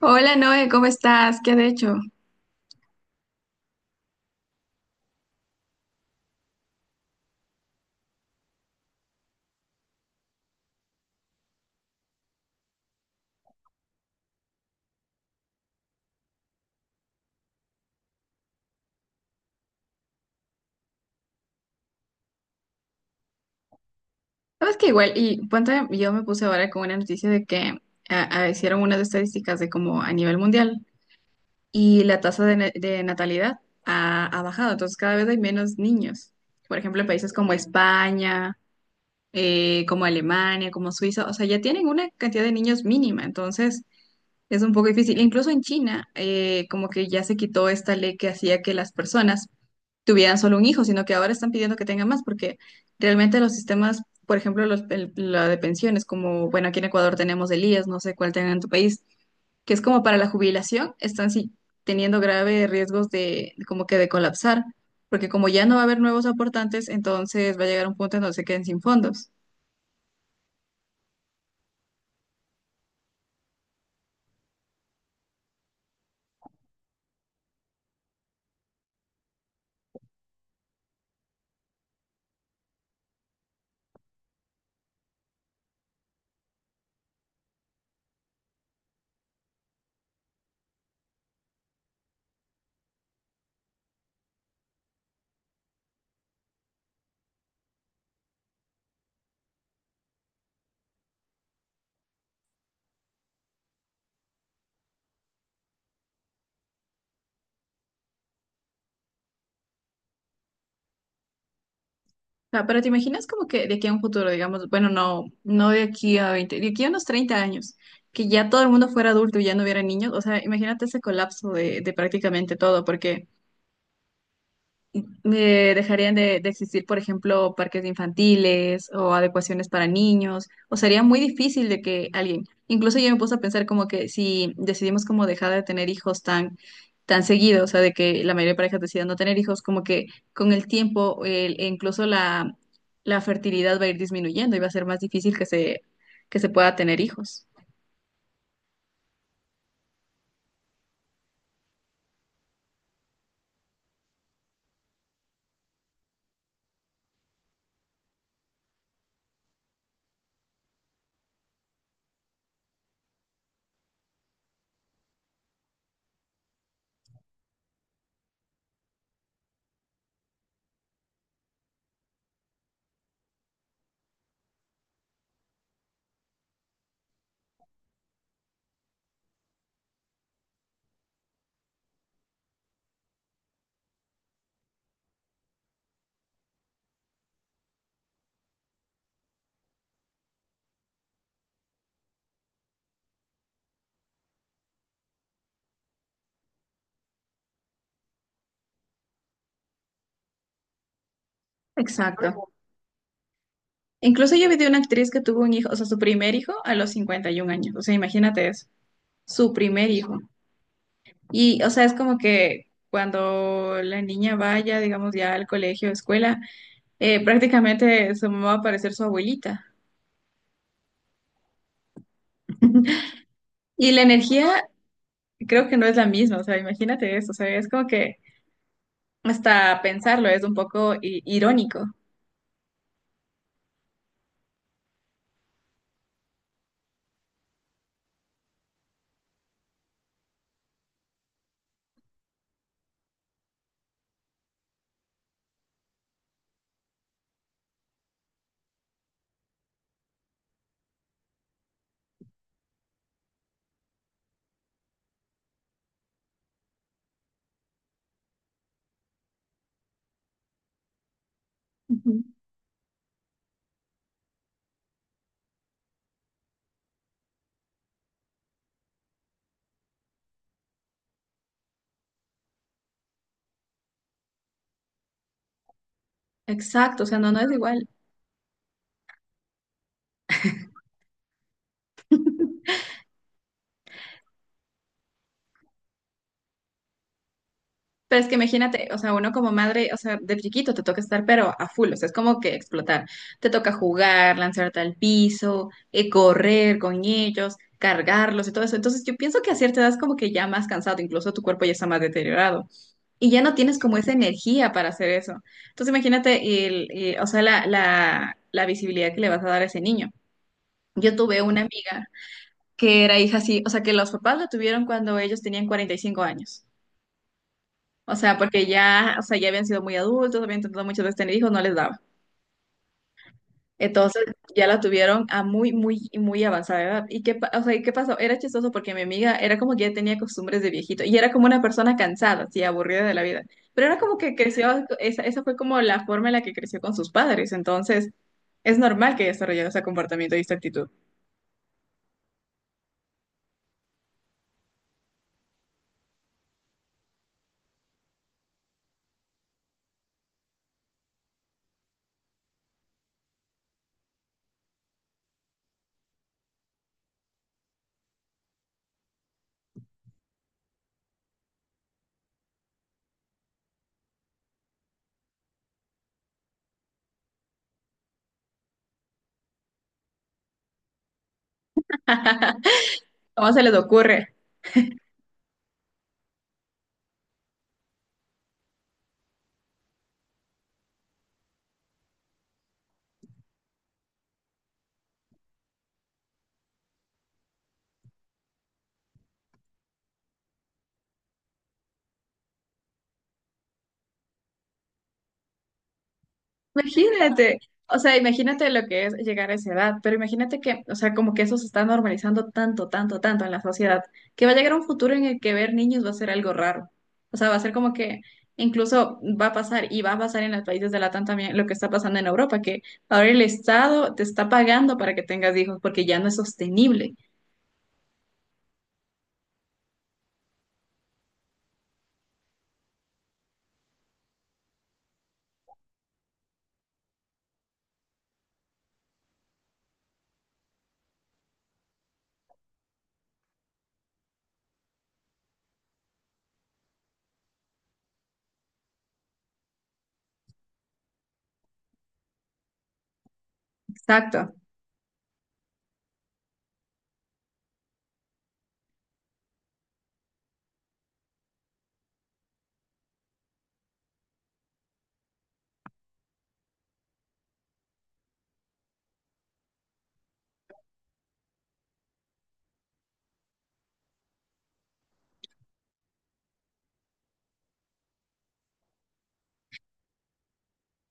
Hola Noé, ¿cómo estás? ¿Qué has hecho? Sabes que igual, y ponte, yo me puse ahora con una noticia de que hicieron unas estadísticas de como a nivel mundial y la tasa de natalidad ha bajado, entonces cada vez hay menos niños. Por ejemplo, en países como España, como Alemania, como Suiza, o sea, ya tienen una cantidad de niños mínima, entonces es un poco difícil. Incluso en China, como que ya se quitó esta ley que hacía que las personas tuvieran solo un hijo, sino que ahora están pidiendo que tengan más, porque realmente los sistemas, por ejemplo, la de pensiones, como, bueno, aquí en Ecuador tenemos el IES, no sé cuál tengan en tu país, que es como para la jubilación, están sí, teniendo graves riesgos de, como que de colapsar, porque como ya no va a haber nuevos aportantes, entonces va a llegar un punto en donde se queden sin fondos. Sea, pero te imaginas como que de aquí a un futuro, digamos, bueno, no, no de aquí a 20, de aquí a unos 30 años, que ya todo el mundo fuera adulto y ya no hubiera niños, o sea, imagínate ese colapso de prácticamente todo, porque me dejarían de existir, por ejemplo, parques infantiles o adecuaciones para niños, o sería muy difícil de que alguien, incluso yo me puse a pensar como que si decidimos como dejar de tener hijos tan, tan seguido, o sea, de que la mayoría de parejas decidan no tener hijos, como que con el tiempo e incluso la fertilidad va a ir disminuyendo y va a ser más difícil que se pueda tener hijos. Exacto. Incluso yo vi de una actriz que tuvo un hijo, o sea, su primer hijo a los 51 años, o sea, imagínate eso, su primer hijo. Y, o sea, es como que cuando la niña vaya, digamos, ya al colegio, escuela, prácticamente su mamá va a parecer su abuelita. Y la energía creo que no es la misma, o sea, imagínate eso, o sea, es como que hasta pensarlo es un poco irónico. Ujú. Exacto, o sea, no, no es igual. Pero es que imagínate, o sea, uno como madre, o sea, de chiquito te toca estar, pero a full, o sea, es como que explotar. Te toca jugar, lanzarte al piso, correr con ellos, cargarlos y todo eso. Entonces, yo pienso que a cierta edad es como que ya más cansado, incluso tu cuerpo ya está más deteriorado y ya no tienes como esa energía para hacer eso. Entonces, imagínate, o sea, la visibilidad que le vas a dar a ese niño. Yo tuve una amiga que era hija así, o sea, que los papás la tuvieron cuando ellos tenían 45 años. O sea, porque ya, o sea, ya habían sido muy adultos, habían intentado muchas veces tener hijos, no les daba. Entonces ya la tuvieron a muy, muy, muy avanzada edad. ¿Y qué, o sea, ¿y qué pasó? Era chistoso porque mi amiga era como que ya tenía costumbres de viejito y era como una persona cansada, así, aburrida de la vida. Pero era como que creció, esa fue como la forma en la que creció con sus padres. Entonces es normal que desarrollara ese comportamiento y esta actitud. ¿Cómo se les ocurre? Imagínate, o sea, imagínate lo que es llegar a esa edad, pero imagínate que, o sea, como que eso se está normalizando tanto, tanto, tanto en la sociedad, que va a llegar un futuro en el que ver niños va a ser algo raro. O sea, va a ser como que incluso va a pasar y va a pasar en los países de Latam también lo que está pasando en Europa, que ahora el Estado te está pagando para que tengas hijos porque ya no es sostenible. Exacto. O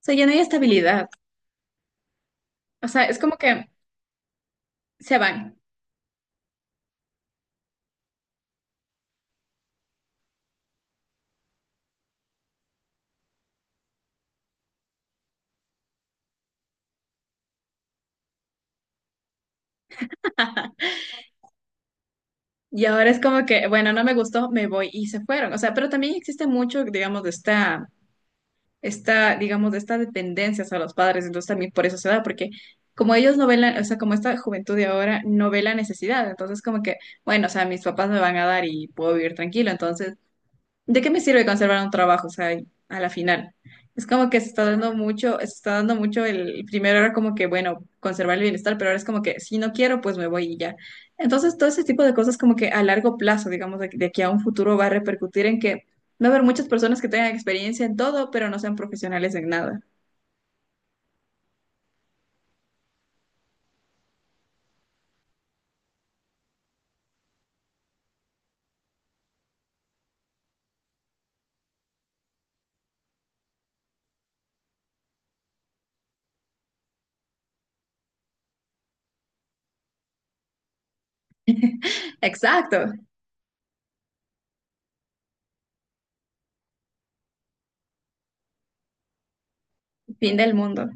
sea, ya no hay estabilidad. O sea, es como que se van. Y ahora es como que, bueno, no me gustó, me voy y se fueron. O sea, pero también existe mucho, digamos, esta, digamos, de esta dependencia hacia los padres. Entonces también por eso se da, porque como ellos no ven o sea, como esta juventud de ahora no ve la necesidad. Entonces como que, bueno, o sea, mis papás me van a dar y puedo vivir tranquilo. Entonces ¿de qué me sirve conservar un trabajo? O sea, y a la final. Es como que se está dando mucho, se está dando mucho el primero era como que, bueno, conservar el bienestar, pero ahora es como que si no quiero, pues me voy y ya. Entonces, todo ese tipo de cosas como que a largo plazo, digamos, de aquí a un futuro va a repercutir en que va a haber muchas personas que tengan experiencia en todo, pero no sean profesionales en nada. Exacto, fin del mundo.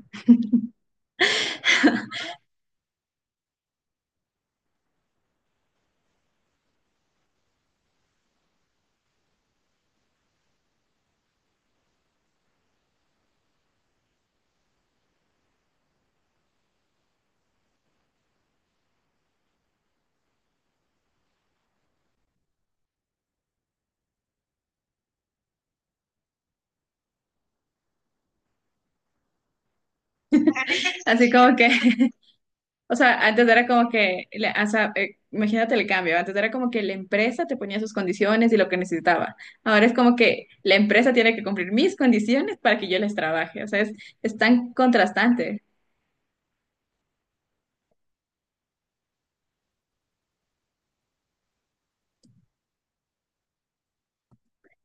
Así como que o sea, antes era como que, o sea, imagínate el cambio, antes era como que la empresa te ponía sus condiciones y lo que necesitaba. Ahora es como que la empresa tiene que cumplir mis condiciones para que yo les trabaje. O sea, es tan contrastante.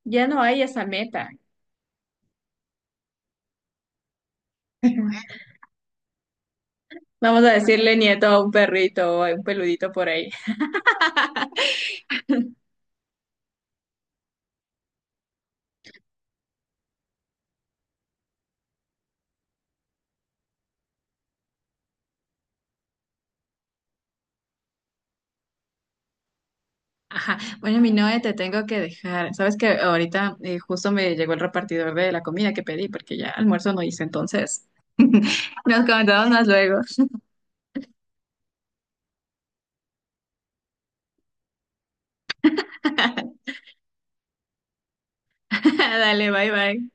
Ya no hay esa meta. Vamos a decirle nieto a un perrito o a un peludito por ahí. Ajá. Bueno, mi Noe, te tengo que dejar. Sabes que ahorita justo me llegó el repartidor de la comida que pedí porque ya almuerzo no hice, entonces nos comentamos más luego. Dale, bye bye.